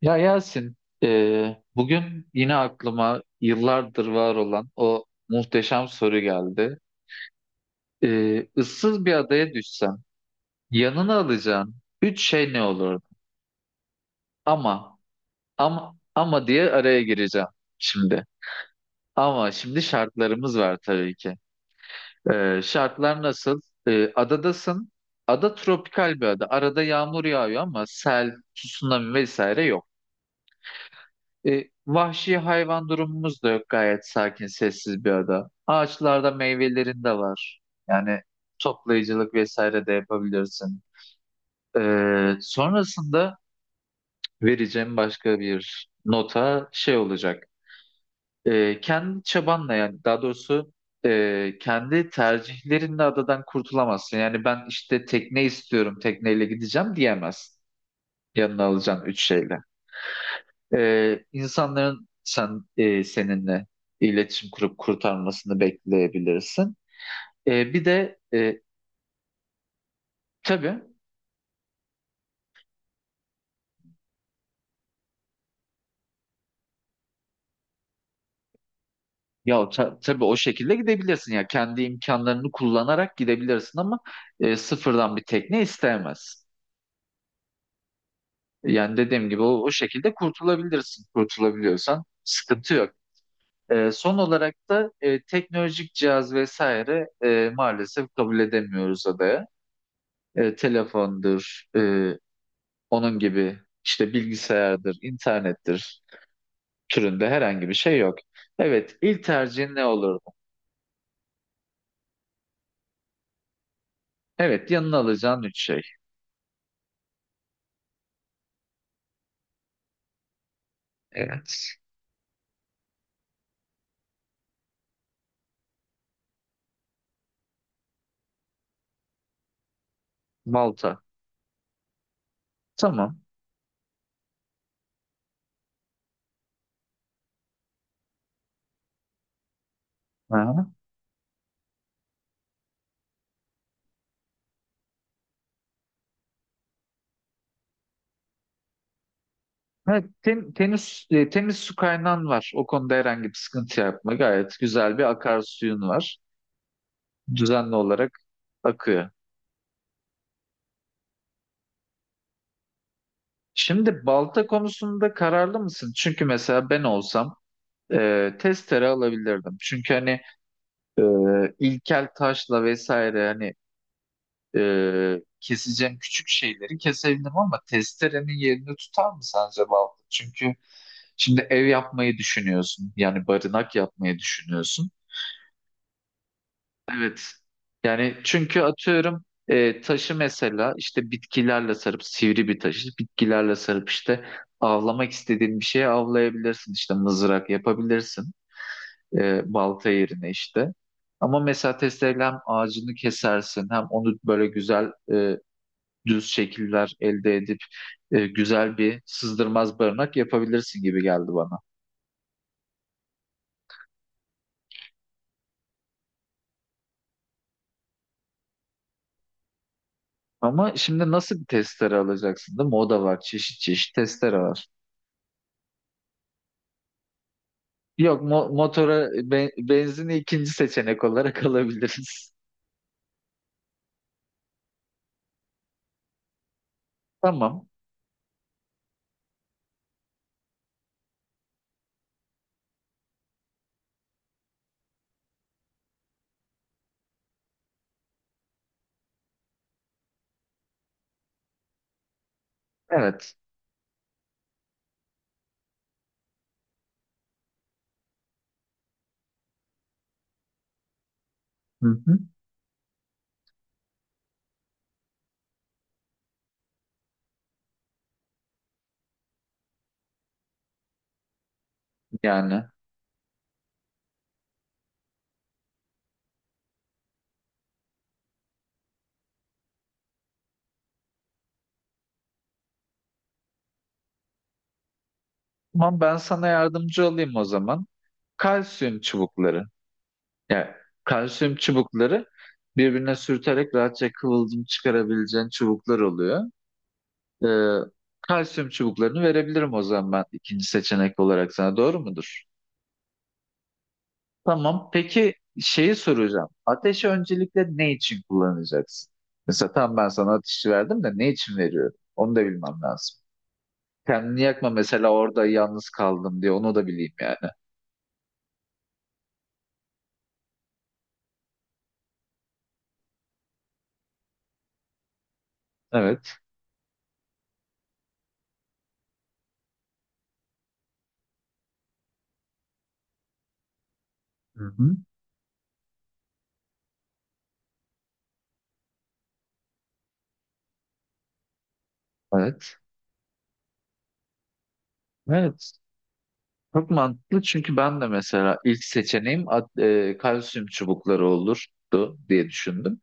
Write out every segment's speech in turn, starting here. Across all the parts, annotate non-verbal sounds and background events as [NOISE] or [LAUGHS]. Ya Yasin, bugün yine aklıma yıllardır var olan o muhteşem soru geldi. Issız bir adaya düşsen, yanına alacağın üç şey ne olurdu? Ama, ama diye araya gireceğim şimdi. Ama şimdi şartlarımız var tabii ki. Şartlar nasıl? Adadasın. Ada tropikal bir ada. Arada yağmur yağıyor ama sel, tsunami vesaire yok. Vahşi hayvan durumumuz da yok. Gayet sakin, sessiz bir ada. Ağaçlarda meyvelerin de var. Yani toplayıcılık vesaire de yapabilirsin. Sonrasında vereceğim başka bir nota şey olacak. Kendi çabanla yani daha doğrusu kendi tercihlerinle adadan kurtulamazsın. Yani ben işte tekne istiyorum, tekneyle gideceğim diyemezsin. Yanına alacağın üç şeyle. İnsanların sen seninle iletişim kurup kurtarmasını bekleyebilirsin. Ee, bir de e, tabii ya tabii o şekilde gidebilirsin ya kendi imkanlarını kullanarak gidebilirsin ama sıfırdan bir tekne isteyemez. Yani dediğim gibi o şekilde kurtulabilirsin. Kurtulabiliyorsan sıkıntı yok. Son olarak da teknolojik cihaz vesaire maalesef kabul edemiyoruz adaya. Telefondur, onun gibi işte bilgisayardır, internettir türünde herhangi bir şey yok. Evet, ilk tercihin ne olurdu? Evet, yanına alacağın üç şey. Evet, Malta. Tamam. Aha. Evet, tenis, temiz su kaynağın var. O konuda herhangi bir sıkıntı yapma. Gayet güzel bir akarsuyun var. Düzenli olarak akıyor. Şimdi balta konusunda kararlı mısın? Çünkü mesela ben olsam testere alabilirdim. Çünkü hani e, ilkel taşla vesaire hani keseceğim küçük şeyleri kesebilirim ama testerenin yerini tutar mı sence balta? Çünkü şimdi ev yapmayı düşünüyorsun. Yani barınak yapmayı düşünüyorsun. Evet. Yani çünkü atıyorum taşı mesela işte bitkilerle sarıp sivri bir taşı bitkilerle sarıp işte avlamak istediğin bir şeye avlayabilirsin. İşte mızrak yapabilirsin balta yerine işte. Ama mesela testereyle hem ağacını kesersin hem onu böyle güzel düz şekiller elde edip güzel bir sızdırmaz barınak yapabilirsin gibi geldi bana. Ama şimdi nasıl bir testere alacaksın değil mi? O da var. Çeşit çeşit testere var. Yok motora benzini ikinci seçenek olarak [LAUGHS] alabiliriz. Tamam. Evet. Hı hı. Yani. Tamam ben sana yardımcı olayım o zaman. Kalsiyum çubukları. Yani kalsiyum çubukları birbirine sürterek rahatça kıvılcım çıkarabileceğin çubuklar oluyor. Ee, Kalsiyum çubuklarını verebilirim o zaman ben ikinci seçenek olarak sana. Doğru mudur? Tamam. Peki şeyi soracağım. Ateşi öncelikle ne için kullanacaksın? Mesela tam ben sana ateşi verdim de ne için veriyorum? Onu da bilmem lazım. Kendini yakma mesela orada yalnız kaldım diye onu da bileyim yani. Evet. Hı hı. Evet. Evet. Çok mantıklı çünkü ben de mesela ilk seçeneğim kalsiyum çubukları olurdu diye düşündüm.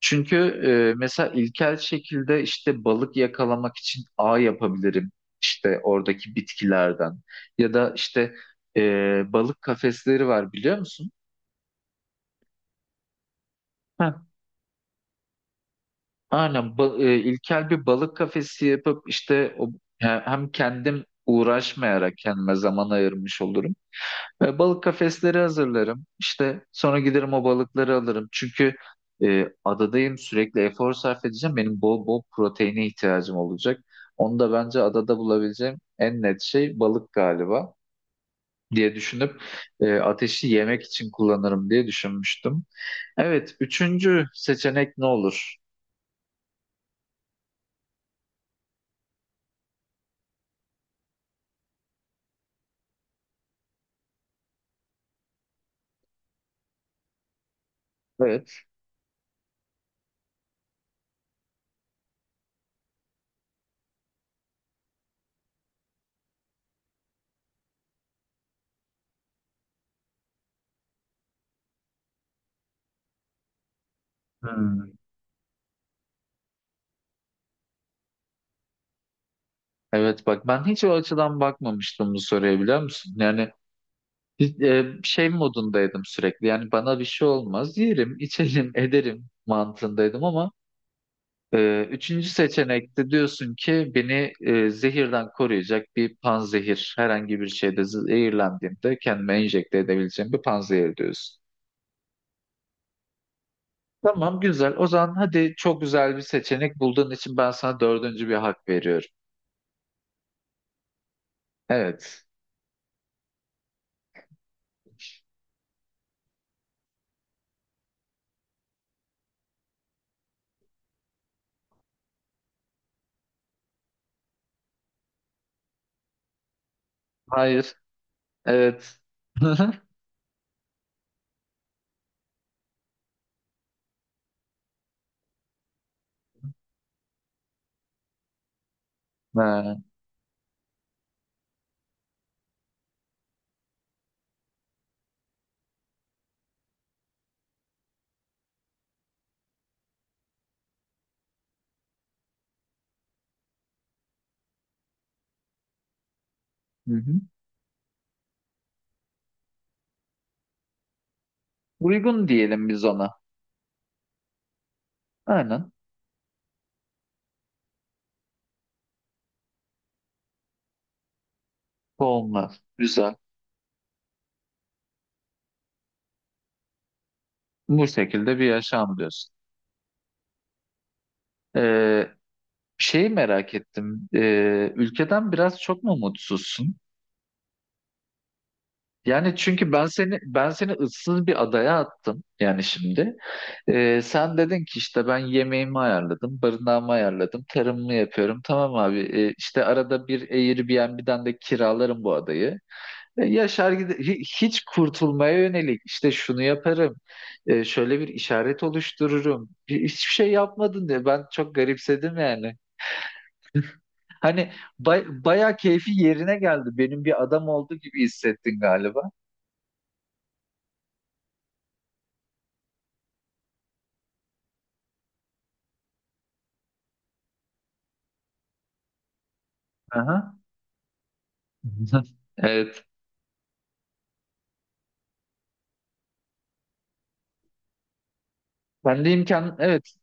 Çünkü mesela ilkel şekilde işte balık yakalamak için ağ yapabilirim işte oradaki bitkilerden ya da işte balık kafesleri var biliyor musun? Heh, aynen ilkel bir balık kafesi yapıp işte o, hem kendim uğraşmayarak kendime zaman ayırmış olurum. Balık kafesleri hazırlarım. İşte sonra giderim o balıkları alırım. Çünkü adadayım sürekli efor sarf edeceğim. Benim bol bol proteine ihtiyacım olacak. Onu da bence adada bulabileceğim en net şey balık galiba diye düşünüp ateşi yemek için kullanırım diye düşünmüştüm. Evet, üçüncü seçenek ne olur? Evet. Hmm. Evet bak ben hiç o açıdan bakmamıştım bu soruya biliyor musun? Yani şey modundaydım sürekli yani bana bir şey olmaz yerim [LAUGHS] içelim ederim mantığındaydım ama üçüncü seçenekte diyorsun ki beni zehirden koruyacak bir panzehir herhangi bir şeyde zehirlendiğimde kendime enjekte edebileceğim bir panzehir diyorsun. Tamam güzel o zaman hadi çok güzel bir seçenek bulduğun için ben sana dördüncü bir hak veriyorum. Evet. Hayır. Evet. [LAUGHS] Ha, hı hı. Uygun diyelim biz ona. Aynen. Olmaz. Güzel. Bu şekilde bir yaşam diyorsun. Ee, Şeyi merak ettim. Ülkeden biraz çok mu mutsuzsun? Yani çünkü ben seni ıssız bir adaya attım yani şimdi. Sen dedin ki işte ben yemeğimi ayarladım, barınağımı ayarladım, tarımımı yapıyorum. Tamam abi, işte arada bir Airbnb'den de kiralarım bu adayı. Yaşar gide hiç kurtulmaya yönelik işte şunu yaparım, şöyle bir işaret oluştururum. Hiçbir şey yapmadın diye ben çok garipsedim yani. Hani bayağı keyfi yerine geldi. Benim bir adam oldu gibi hissettin galiba. Aha. [LAUGHS] Evet. Ben de imkan evet.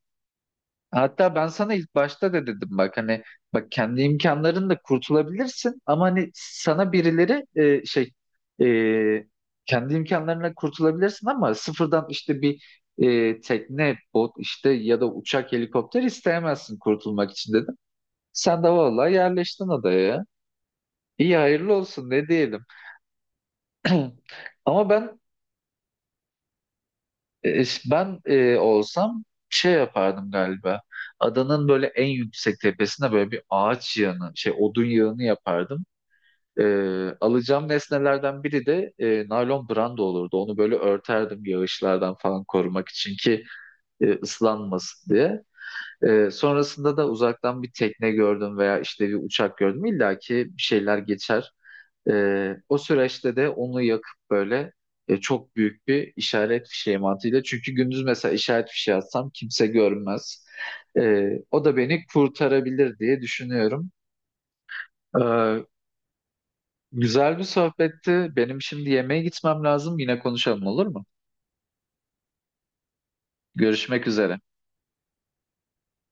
Hatta ben sana ilk başta da dedim bak hani bak kendi imkanlarınla kurtulabilirsin ama hani sana birileri e, kendi imkanlarına kurtulabilirsin ama sıfırdan işte bir tekne, bot işte ya da uçak, helikopter isteyemezsin kurtulmak için dedim. Sen de vallahi yerleştin adaya. İyi hayırlı olsun ne diyelim. [CLEARS THROAT] Ama ben E, olsam şey yapardım galiba. Adanın böyle en yüksek tepesine böyle bir ağaç yığını, şey odun yığını yapardım. E, Alacağım nesnelerden biri de naylon branda olurdu. Onu böyle örterdim yağışlardan falan korumak için ki ıslanmasın diye. Sonrasında da uzaktan bir tekne gördüm veya işte bir uçak gördüm. İlla ki bir şeyler geçer. O süreçte de onu yakıp böyle çok büyük bir işaret fişeği mantığıyla. Çünkü gündüz mesela işaret fişeği atsam kimse görmez. O da beni kurtarabilir diye düşünüyorum. Ee, Güzel bir sohbetti. Benim şimdi yemeğe gitmem lazım. Yine konuşalım olur mu? Görüşmek üzere.